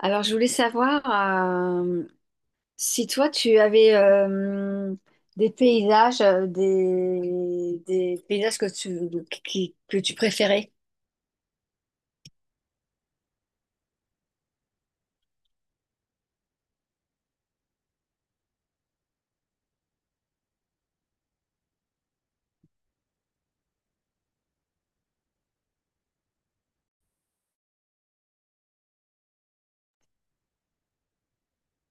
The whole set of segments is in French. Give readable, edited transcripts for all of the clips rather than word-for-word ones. Alors, je voulais savoir si toi, tu avais des paysages, des paysages que tu préférais.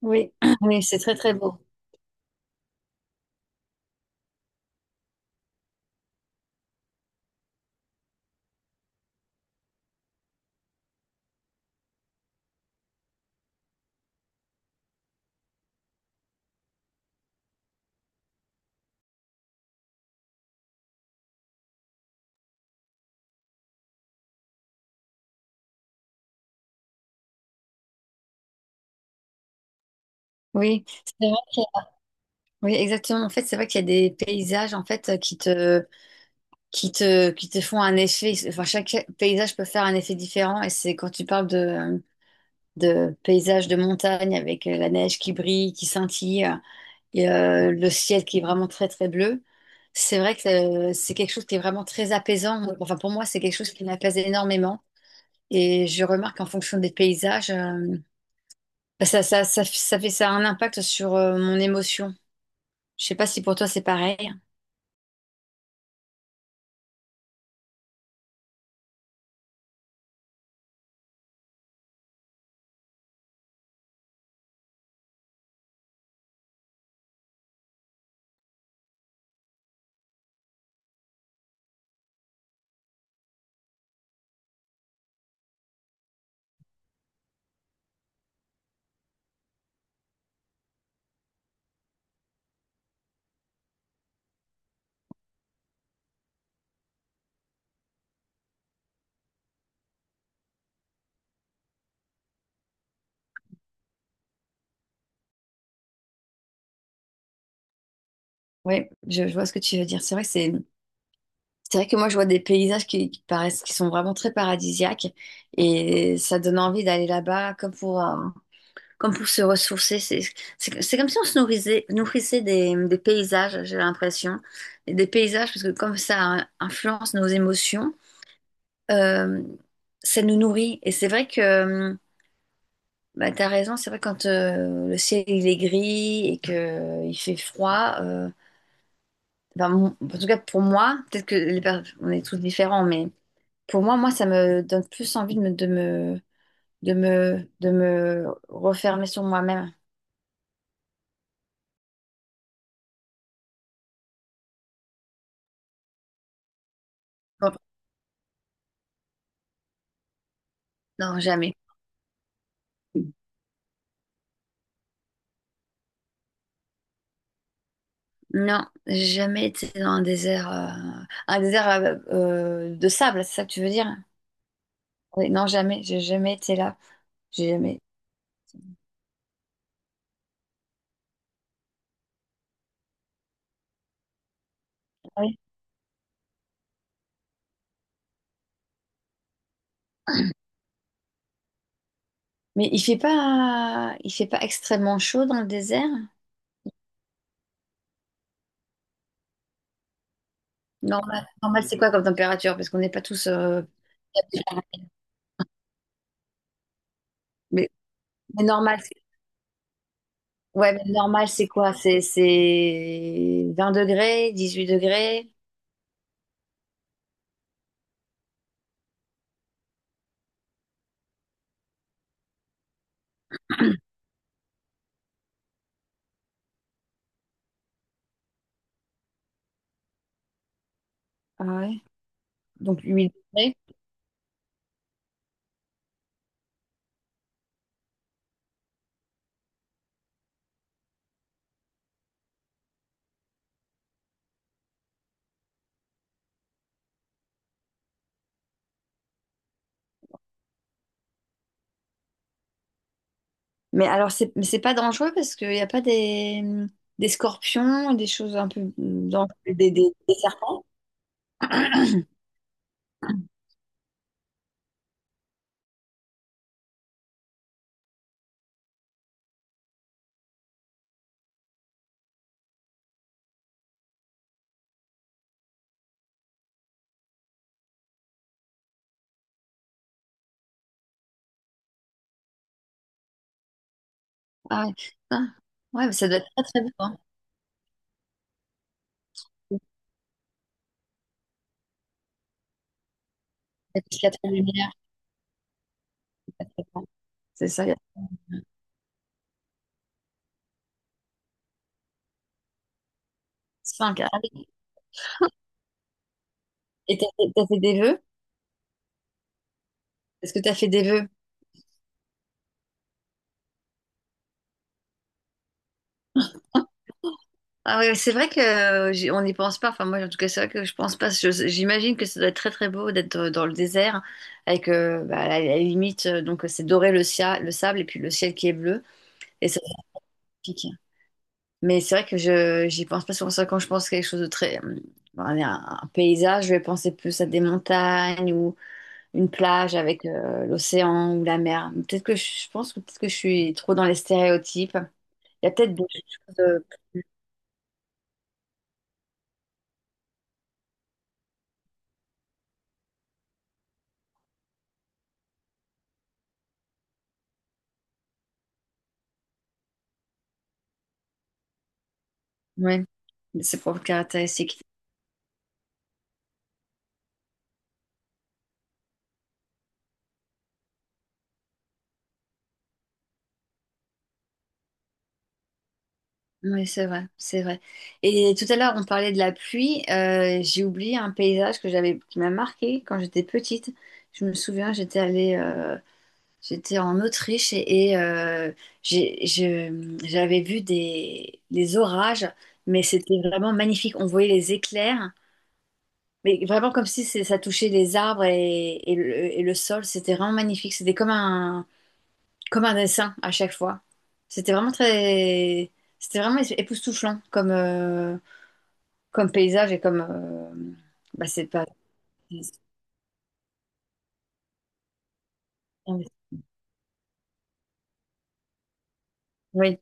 Oui, oui, c'est très, très beau. Oui, c'est vrai. Oui, exactement. En fait, c'est vrai qu'il y a des paysages en fait qui te font un effet. Enfin, chaque paysage peut faire un effet différent. Et c'est quand tu parles de paysages de montagne avec la neige qui brille, qui scintille. Le ciel qui est vraiment très très bleu. C'est vrai que c'est quelque chose qui est vraiment très apaisant. Enfin, pour moi, c'est quelque chose qui m'apaise énormément. Et je remarque en fonction des paysages, ça fait ça a un impact sur mon émotion. Je sais pas si pour toi c'est pareil. Oui, je vois ce que tu veux dire. C'est vrai que moi je vois des paysages qui paraissent qui sont vraiment très paradisiaques et ça donne envie d'aller là-bas comme pour se ressourcer. C'est comme si on se nourrissait, nourrissait des paysages, j'ai l'impression. Et des paysages, parce que comme ça influence nos émotions, euh, ça nous nourrit. Et c'est vrai que, bah, tu as raison, c'est vrai quand le ciel il est gris et qu'il fait froid, ben, mon- en tout cas pour moi, peut-être que les per- on est tous différents, mais pour moi, moi, ça me donne plus envie de me refermer sur moi-même. Bon, non, jamais. Non, j'ai jamais été dans un désert de sable, c'est ça que tu veux dire? Oui, non, jamais, j'ai jamais été là. J'ai jamais. Ah oui. Mais il fait pas extrêmement chaud dans le désert? Normal, normal, c'est quoi comme température? Parce qu'on n'est pas tous. Mais, mais normal, ouais, mais normal, c'est quoi? C'est 20 degrés, 18 degrés. Ah ouais. Donc 8 degrés. Mais alors, mais c'est pas dangereux parce qu'il n'y a pas des scorpions, des choses un peu dangereuses, des serpents. Ah ouais. Ah. Ouais, mais ça doit être très très beau. Hein. Parce qu'il y a trop de lumière. C'est ça, il y a cinq. Ah oui. Et t'as fait des vœux? Est-ce que t'as fait des vœux? Ah ouais, c'est vrai que on n'y pense pas. Enfin, moi, en tout cas, c'est vrai que je pense pas. Je- J'imagine que ça doit être très très beau d'être dans le désert avec bah, à la limite, c'est doré le sable et puis le ciel qui est bleu. Et ça, mais c'est vrai que je j'y pense pas souvent ça quand je pense à quelque chose de très allez, un paysage, je vais penser plus à des montagnes ou une plage avec l'océan ou la mer. Peut-être que je pense que peut-être que je suis trop dans les stéréotypes. Il y a peut-être des choses ouais, de ses propres caractéristiques. Oui, c'est vrai, c'est vrai. Et tout à l'heure, on parlait de la pluie. J'ai oublié un paysage que j'avais qui m'a marqué quand j'étais petite. Je me souviens, j'étais en Autriche j'avais vu des orages, mais c'était vraiment magnifique. On voyait les éclairs, mais vraiment comme si c'est- ça touchait les arbres et le sol. C'était vraiment magnifique. Comme un dessin à chaque fois. C'était vraiment très, C'était vraiment époustouflant comme, comme paysage et comme, bah c'est pas, oui, ouais,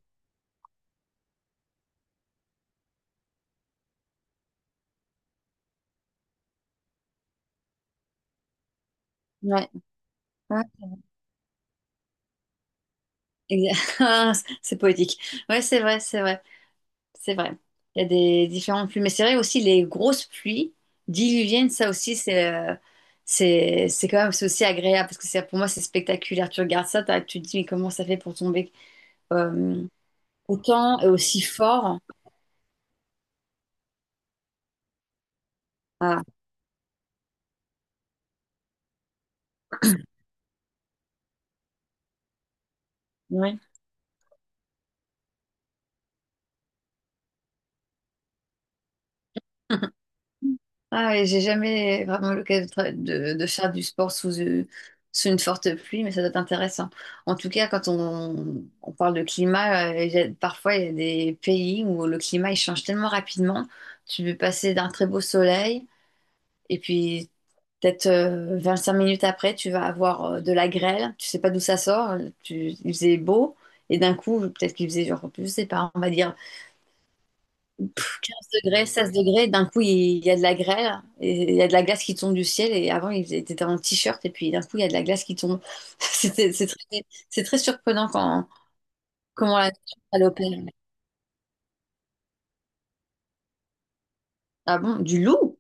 ouais, exa- c'est poétique. Ouais, c'est vrai, c'est vrai. C'est vrai. Il y a des différentes pluies. Mais c'est vrai aussi, les grosses pluies diluviennes, ça aussi, c'est quand même c'est aussi agréable parce que c'est pour moi, c'est spectaculaire. Tu regardes ça, tu te dis, mais comment ça fait pour tomber euh, autant et aussi fort? Ah, oui. Ah, et j'ai jamais vraiment l'occasion de faire du sport sous, sous une forte pluie, mais ça doit être intéressant. En tout cas, on parle de climat, parfois il y a des pays où le climat il change tellement rapidement. Tu peux passer d'un très beau soleil et puis peut-être cinq minutes après, tu vas avoir de la grêle. Tu sais pas d'où ça sort. Il faisait beau et d'un coup, peut-être qu'il faisait genre, je sais pas, on va dire 15 degrés, 16 degrés, d'un coup, il y a de la grêle, et il y a de la glace qui tombe du ciel, et avant, il était en t-shirt, et puis d'un coup, il y a de la glace qui tombe. C'était- C'est très, c'est très surprenant quand, comment la nature elle opère. Ah bon, du loup?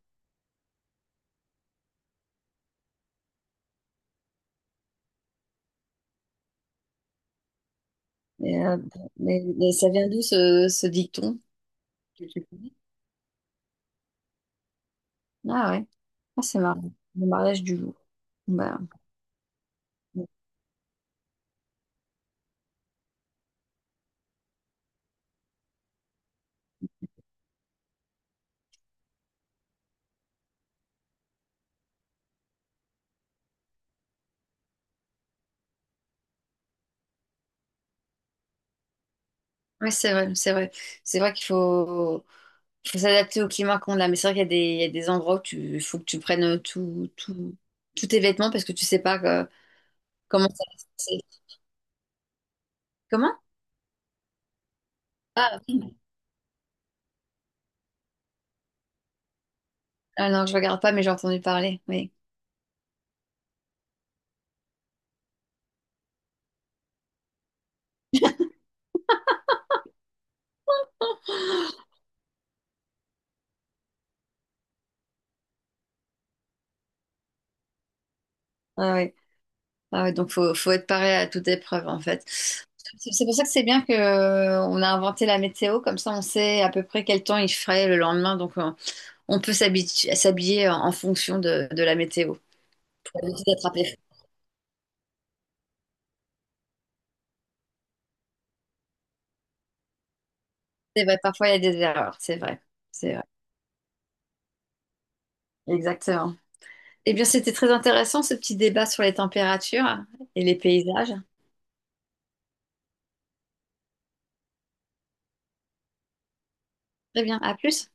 Mais, mais ça vient d'où ce dicton? Tu connais. Ah ouais, ah, c'est marrant, le mariage du loup. Bah, ouais, c'est vrai, c'est vrai. C'est vrai qu'il faut. Faut s'adapter au climat qu'on a. Mais c'est vrai qu'il y a il y a des endroits où tu, il faut que tu prennes tous tes vêtements parce que tu sais pas comment ça va se passer. Comment? Ah, oui. Ah non, je regarde pas, mais j'ai entendu parler. Oui. Ah, oui. Ah, oui. Donc, faut être paré à toute épreuve, en fait. C'est pour ça que c'est bien que, on a inventé la météo. Comme ça, on sait à peu près quel temps il ferait le lendemain. Donc, on peut s'habiller en fonction de la météo pour éviter d'attraper. C'est vrai, parfois, il y a des erreurs. C'est vrai. C'est vrai. Exactement. Eh bien, c'était très intéressant ce petit débat sur les températures et les paysages. Très bien, à plus.